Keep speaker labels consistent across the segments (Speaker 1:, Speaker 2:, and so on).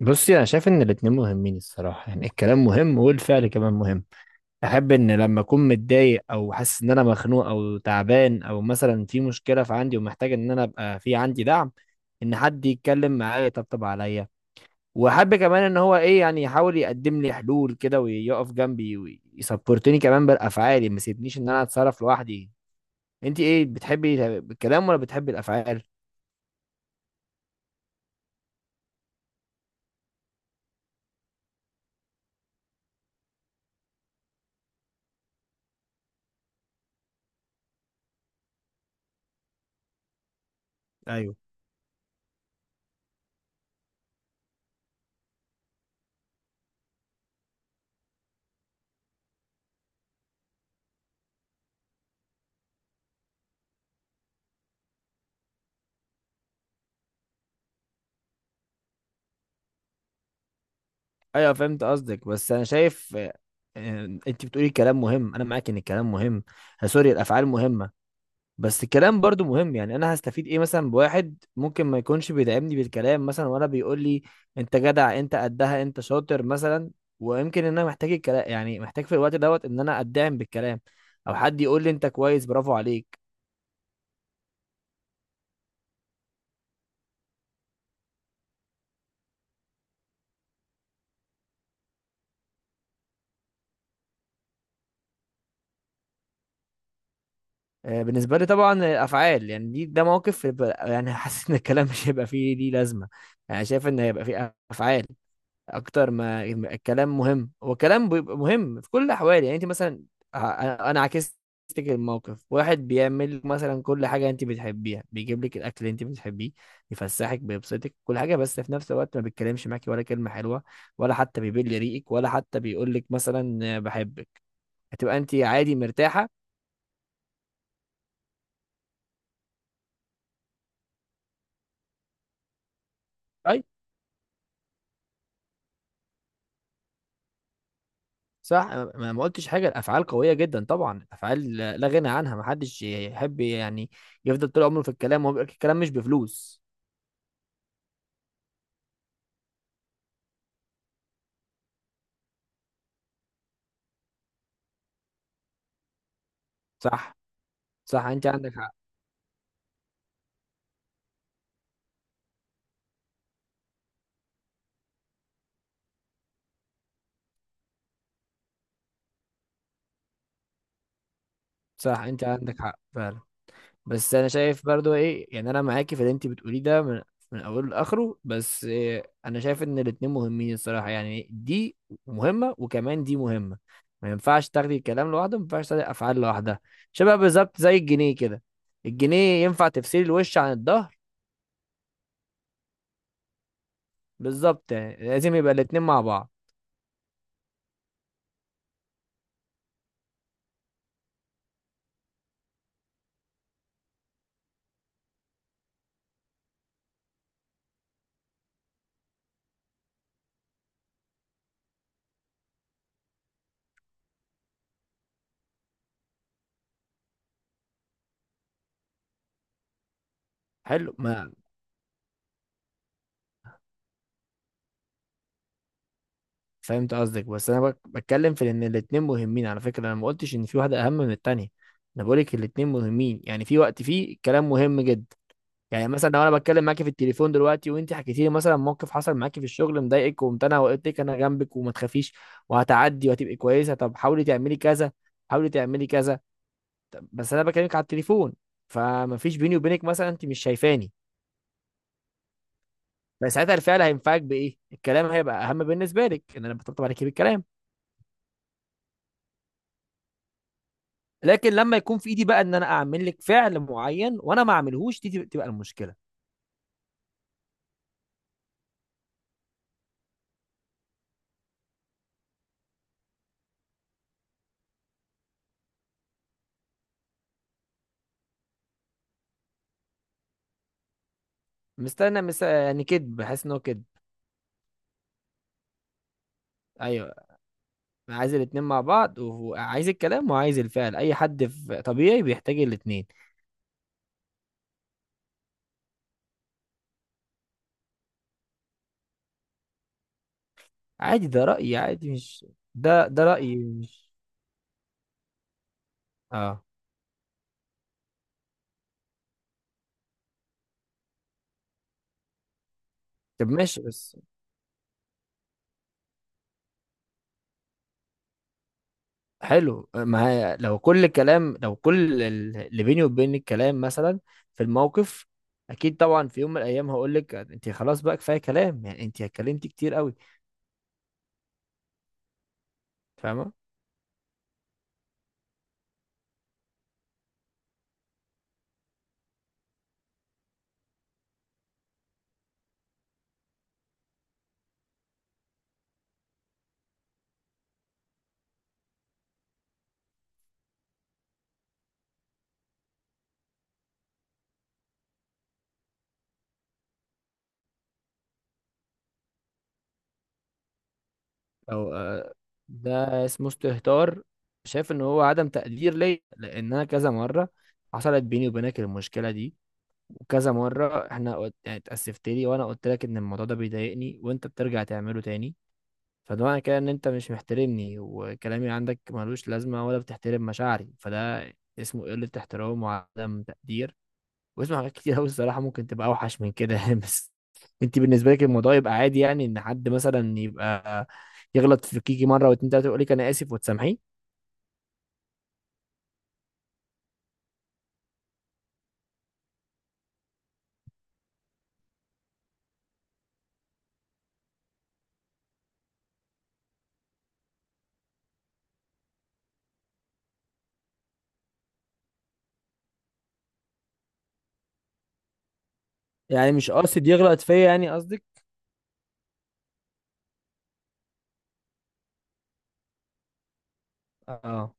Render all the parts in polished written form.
Speaker 1: بصي، انا شايف ان الاتنين مهمين الصراحه، يعني الكلام مهم والفعل كمان مهم. احب ان لما اكون متضايق او حاسس ان انا مخنوق او تعبان او مثلا في مشكله في عندي ومحتاج ان انا ابقى في عندي دعم، ان حد يتكلم معايا يطبطب عليا. واحب كمان ان هو ايه يعني يحاول يقدم لي حلول كده ويقف جنبي ويسبورتني كمان بالافعال، ما يسيبنيش ان انا اتصرف لوحدي. انت ايه بتحبي الكلام ولا بتحبي الافعال؟ ايوه، فهمت قصدك، بس انا شايف انت بتقولي كلام مهم، انا معاك ان الكلام مهم. سوري، الافعال مهمه. بس الكلام برضو مهم، يعني انا هستفيد ايه مثلا بواحد ممكن ما يكونش بيدعمني بالكلام، مثلا وانا بيقول لي انت جدع، انت قدها، انت شاطر مثلا. ويمكن ان انا محتاج الكلام، يعني محتاج في الوقت دوت ان انا ادعم بالكلام، او حد يقول لي انت كويس، برافو عليك. بالنسبه لي طبعا الافعال، يعني دي ده موقف يعني حاسس ان الكلام مش هيبقى فيه ليه لازمه. يعني شايف ان هيبقى فيه افعال اكتر ما الكلام، مهم هو الكلام بيبقى مهم في كل الاحوال، يعني انت مثلا ه- انا عكستك. الموقف واحد بيعمل مثلا كل حاجه انت بتحبيها، بيجيب لك الاكل اللي انت بتحبيه، يفسحك، بيبسطك، كل حاجه، بس في نفس الوقت ما بيتكلمش معاكي ولا كلمه حلوه، ولا حتى بيبل ريقك، ولا حتى بيقول لك مثلا بحبك، هتبقى انت عادي مرتاحه؟ طيب. صح، أنا ما قلتش حاجه، الافعال قويه جدا طبعا، الافعال لا لا غنى عنها، ما حدش يحب يعني يفضل طول عمره في الكلام وهو بيقول لك الكلام مش بفلوس. صح. صح، انت عندك حق. صح، انت عندك حق فعلا. بس انا شايف برضو ايه، يعني انا معاكي في اللي انت بتقوليه ده من اوله لاخره، بس إيه، انا شايف ان الاتنين مهمين الصراحه، يعني دي مهمه وكمان دي مهمه. ما ينفعش تاخدي الكلام لوحده، ما ينفعش تاخدي الافعال لوحدها، شبه بالظبط زي الجنيه كده، الجنيه ينفع تفصلي الوش عن الظهر؟ بالظبط، يعني لازم يبقى الاتنين مع بعض. حلو، ما فهمت قصدك بس انا بتكلم في ان الاتنين مهمين، على فكره انا ما قلتش ان في واحده اهم من التانيه، انا بقولك الاتنين مهمين، يعني في وقت فيه الكلام مهم جدا. يعني مثلا لو انا بتكلم معاكي في التليفون دلوقتي وانت حكيتي لي مثلا موقف حصل معاكي في الشغل مضايقك، وقمت انا وقلت لك انا جنبك وما تخافيش وهتعدي وهتبقي كويسه، طب حاولي تعملي كذا، حاولي تعملي كذا، طب بس انا بكلمك على التليفون، فما فيش بيني وبينك، مثلا انت مش شايفاني، فساعتها الفعل هينفعك بايه؟ الكلام هيبقى اهم بالنسبه لك ان انا بطبطب عليكي بالكلام. لكن لما يكون في ايدي بقى ان انا اعمل لك فعل معين وانا ما اعملهوش، دي تبقى المشكله. يعني كدب، بحس ان هو كدب. ايوه، أنا عايز الاتنين مع بعض وعايز الكلام وعايز الفعل، اي حد في طبيعي بيحتاج الاتنين. عادي، ده رايي، عادي مش؟ ده رايي، مش؟ اه. طب ماشي، بس. حلو ما هي، لو كل الكلام، لو كل اللي بيني وبين الكلام مثلا في الموقف، اكيد طبعا في يوم من الايام هقول لك انت خلاص بقى كفايه كلام، يعني انت اتكلمتي كتير قوي. فاهمه. او ده اسمه استهتار، شايف ان هو عدم تقدير ليا، لان انا كذا مره حصلت بيني وبينك المشكله دي، وكذا مره احنا يعني اتاسفت لي وانا قلت لك ان الموضوع ده بيضايقني وانت بترجع تعمله تاني، فده معنى كده ان انت مش محترمني وكلامي عندك ملوش لازمه ولا بتحترم مشاعري، فده اسمه قله احترام وعدم تقدير. واسمع حاجات كتير قوي الصراحه ممكن تبقى اوحش من كده يعني بس انت بالنسبه لك الموضوع يبقى عادي، يعني ان حد مثلا يبقى يغلط في كيكي مره واتنين تلاته يقول لك انا اسف وتسامحيه؟ يعني مش قاصد يغلط فيا، يعني قصدك؟ اه.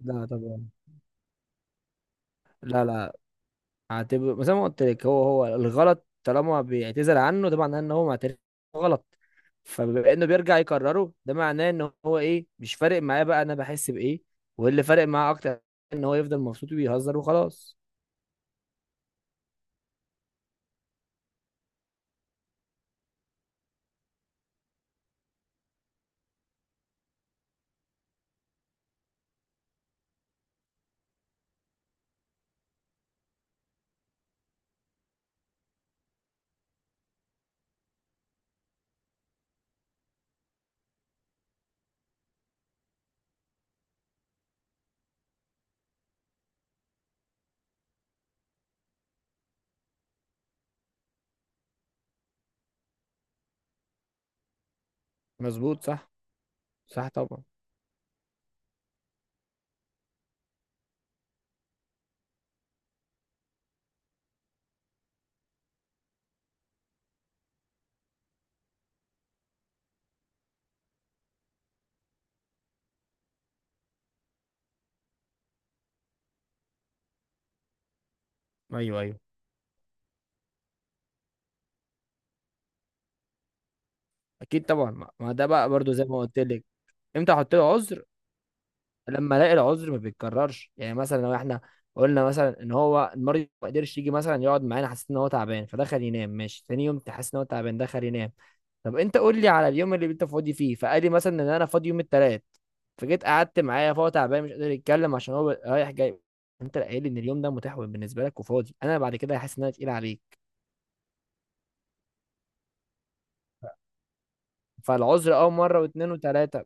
Speaker 1: لا طبعا، لا لا، هتبقى زي ما قلت لك، هو هو الغلط، طالما بيعتذر عنه ده معناه ان هو معترف غلط، فبما انه بيرجع يكرره ده معناه ان هو ايه، مش فارق معاه بقى انا بحس بايه، واللي فارق معاه اكتر ان هو يفضل مبسوط وبيهزر وخلاص. مظبوط، صح. صح طبعا. ايوه ايوه، اكيد طبعا، ما ده بقى برضو زي ما قلت لك. امتى احط له عذر؟ لما الاقي العذر ما بيتكررش، يعني مثلا لو احنا قلنا مثلا ان هو المريض ما قدرش يجي مثلا يقعد معانا، حسيت ان هو تعبان فدخل ينام ماشي، تاني يوم تحس ان هو تعبان دخل ينام، طب انت قول لي على اليوم اللي انت فاضي فيه، فقال لي مثلا ان انا فاضي يوم الثلاث، فجيت قعدت معاه، فهو تعبان مش قادر يتكلم عشان هو رايح جاي، انت اللي قايل لي ان اليوم ده متاح بالنسبه لك وفاضي، انا بعد كده هحس ان انا تقيل عليك. فالعذر مره واثنين وثلاثه،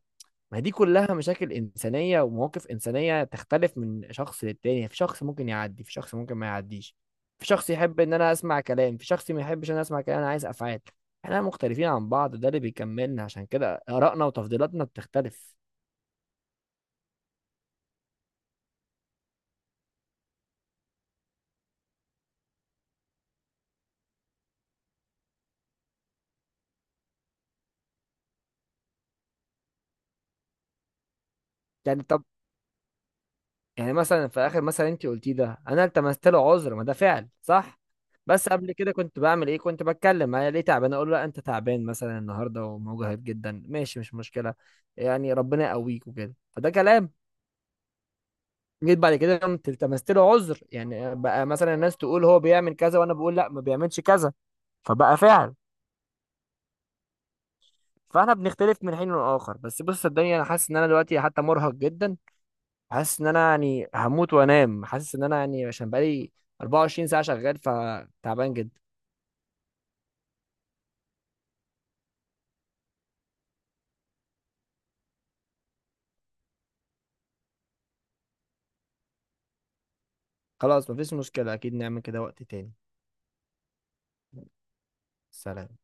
Speaker 1: ما دي كلها مشاكل إنسانية ومواقف إنسانية، تختلف من شخص للتاني، في شخص ممكن يعدي، في شخص ممكن ما يعديش، في شخص يحب إن أنا أسمع كلام، في شخص ما يحبش إن أنا أسمع كلام، أنا عايز أفعال، إحنا مختلفين عن بعض، ده اللي بيكملنا، عشان كده آرائنا وتفضيلاتنا بتختلف. يعني طب، يعني مثلا في آخر مثلا أنت قلتيه ده، أنا التمست له عذر، ما ده فعل، صح؟ بس قبل كده كنت بعمل إيه؟ كنت بتكلم، أنا ليه تعبان، أقول له لا أنت تعبان مثلا النهاردة ومجهد جدا، ماشي مش مشكلة، يعني ربنا يقويك وكده، فده كلام. جيت بعد كده قمت التمست له عذر، يعني بقى مثلا الناس تقول هو بيعمل كذا وانا بقول لا ما بيعملش كذا، فبقى فعل. فاحنا بنختلف من حين لآخر، بس بص صدقني انا حاسس ان انا دلوقتي حتى مرهق جدا، حاسس ان انا يعني هموت وانام، حاسس ان انا يعني عشان بقالي 24 ساعة شغال، فتعبان جدا. خلاص، مفيش مشكلة، اكيد نعمل كده وقت تاني. سلام.